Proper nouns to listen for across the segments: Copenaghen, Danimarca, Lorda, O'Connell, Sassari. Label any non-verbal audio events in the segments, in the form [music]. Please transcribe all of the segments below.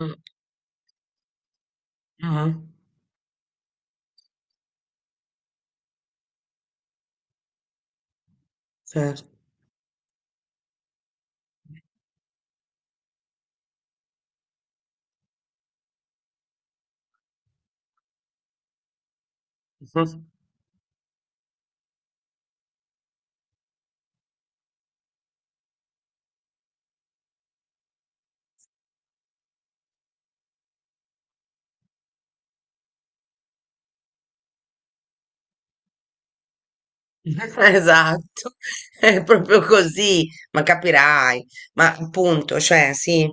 Mh, ah-ah, certo. [laughs] Esatto, è proprio così, ma capirai. Ma appunto, cioè sì,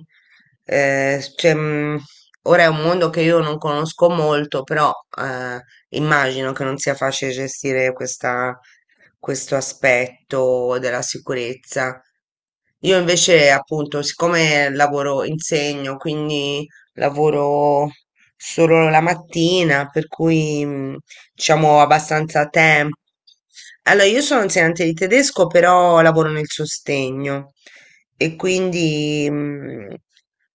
ehm, s cioè, mhmm, ora è un mondo che io non conosco molto, però, ehm, immagino che non sia facile gestire questa questo aspetto della sicurezza. Io invece, appunto, siccome lavoro, insegno, quindi lavoro solo la mattina, per cui, diciamo, ho abbastanza tempo. Allora, io sono insegnante di tedesco, però lavoro nel sostegno e quindi,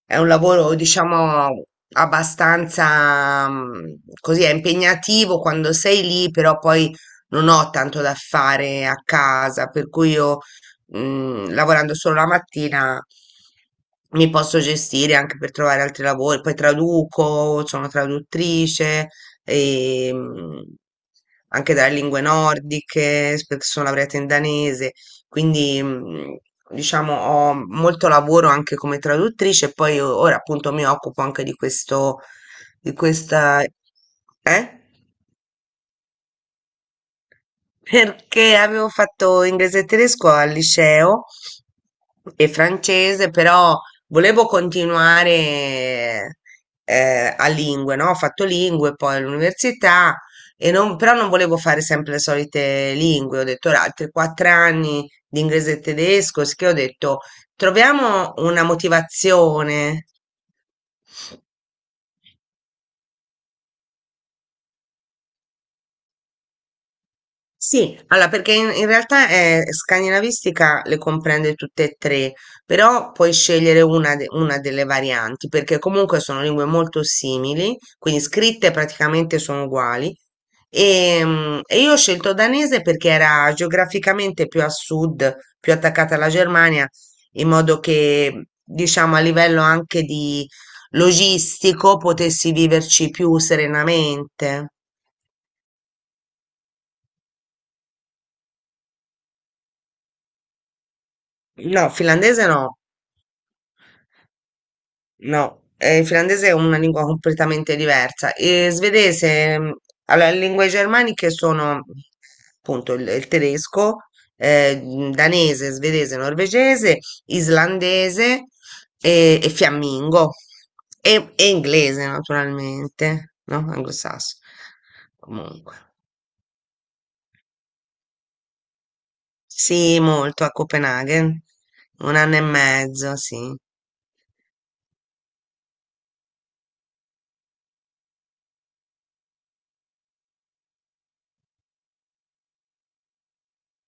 è un lavoro, diciamo, abbastanza, così, è impegnativo quando sei lì, però poi non ho tanto da fare a casa, per cui io lavorando solo la mattina mi posso gestire anche per trovare altri lavori. Poi traduco, sono traduttrice, e, anche dalle lingue nordiche, perché sono laureata in danese, quindi diciamo ho molto lavoro anche come traduttrice. E poi ora appunto mi occupo anche di questo, di questa, eh? Perché avevo fatto inglese e tedesco al liceo e francese, però volevo continuare a lingue, no? Ho fatto lingue poi all'università, e però non volevo fare sempre le solite lingue. Ho detto: "Ora, altri quattro anni di inglese e tedesco, sì", che ho detto: "Troviamo una motivazione". Sì, allora perché in realtà scandinavistica le comprende tutte e tre, però puoi scegliere una, una delle varianti, perché comunque sono lingue molto simili, quindi scritte praticamente sono uguali. E, e io ho scelto danese perché era geograficamente più a sud, più attaccata alla Germania, in modo che, diciamo, a livello anche di logistico potessi viverci più serenamente. No, finlandese no. No, il finlandese è una lingua completamente diversa. E svedese, allora, le lingue germaniche sono appunto il tedesco, danese, svedese, norvegese, islandese e fiammingo e inglese, naturalmente, no? Anglosassone. Comunque, sì, molto a Copenaghen, un anno e mezzo, sì.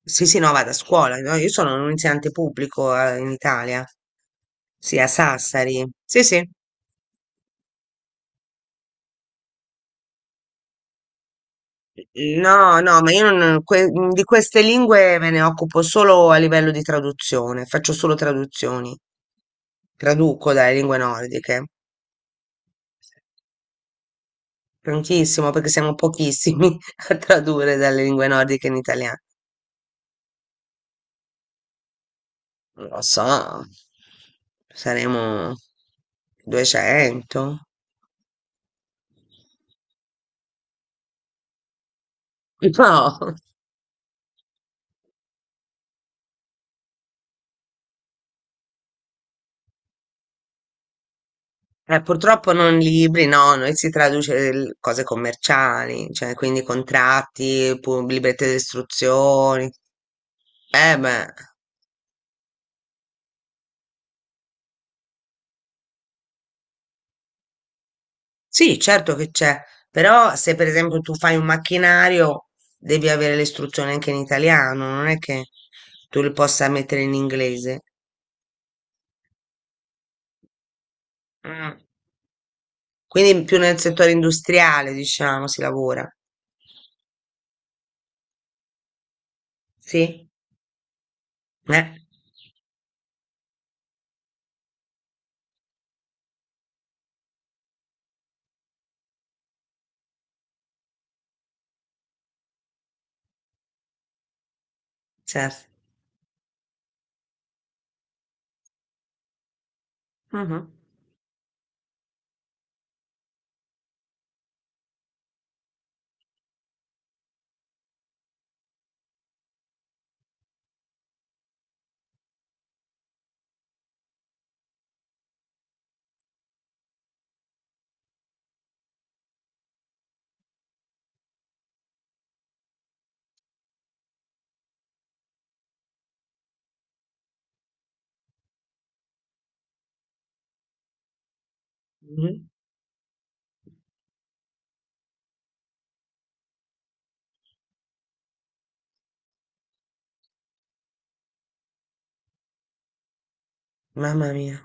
Sì, sì, no, vado a scuola, no? Io sono un insegnante pubblico, in Italia. Sì, a Sassari. Sì, sì. No, no, ma io non, que- mhmm, di queste lingue me ne occupo solo a livello di traduzione, faccio solo traduzioni, traduco dalle lingue nordiche, prontissimo perché siamo pochissimi [laughs] a tradurre dalle lingue nordiche in italiano. Non lo so, saremo 200? No. [laughs] Purtroppo non libri, no, noi si traduce cose commerciali, cioè quindi contratti, librette di istruzioni. Eh beh, sì, certo che c'è, però se per esempio tu fai un macchinario devi avere le istruzioni anche in italiano, non è che tu le possa mettere in inglese. Mm. Quindi più nel settore industriale, diciamo, si lavora. Sì, eh, certo. Mhm. Mhm. Mamma mia.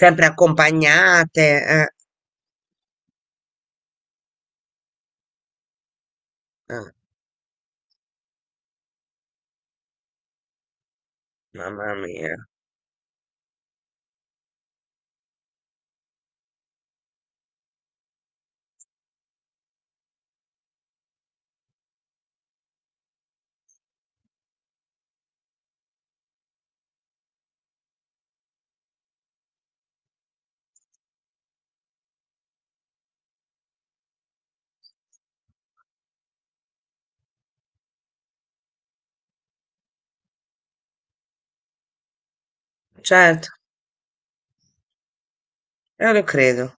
Sempre accompagnate, eh, eh, mamma mia, certo, io lo credo.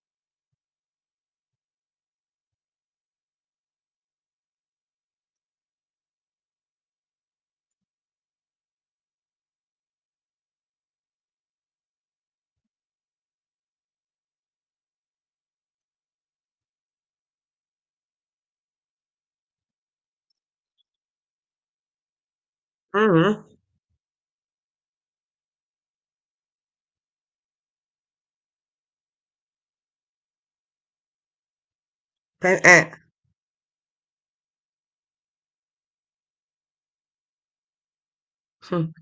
Mhm. Pe- Eh, mm,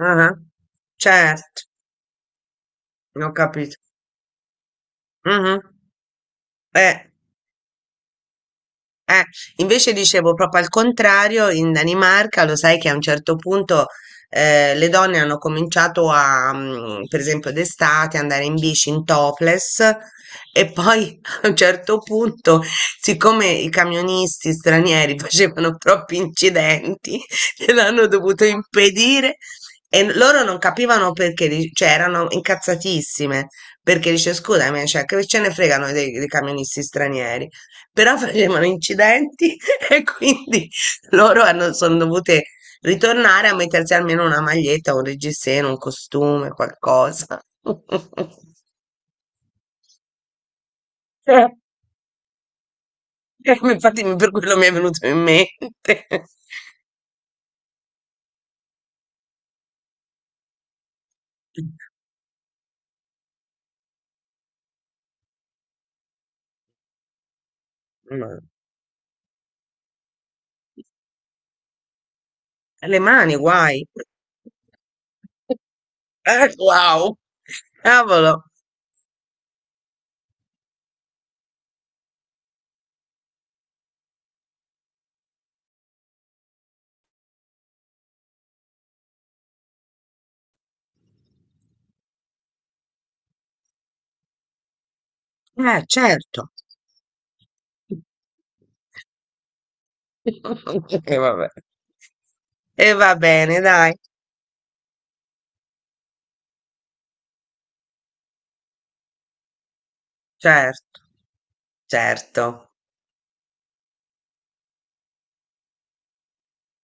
ah, Certo, non ho capito. Mhm. Eh. Eh, invece dicevo proprio al contrario, in Danimarca lo sai che a un certo punto le donne hanno cominciato a, per esempio d'estate, andare in bici in topless e poi [laughs] a un certo punto, siccome i camionisti stranieri [laughs] facevano troppi incidenti, [laughs] gliel'hanno dovuto impedire loro non capivano perché, cioè erano incazzatissime perché dice scusami, cioè, che ce ne fregano dei camionisti stranieri? Però facevano incidenti [laughs] e quindi loro hanno, sono dovute ritornare a mettersi almeno una maglietta, un reggiseno, un costume, qualcosa. [laughs] Eh, infatti per quello mi è venuto in mente. [laughs] Ma- Le mani, guai. Wow, cavolo. Certo. [laughs] E vabbè. E va bene, dai. Certo, certo.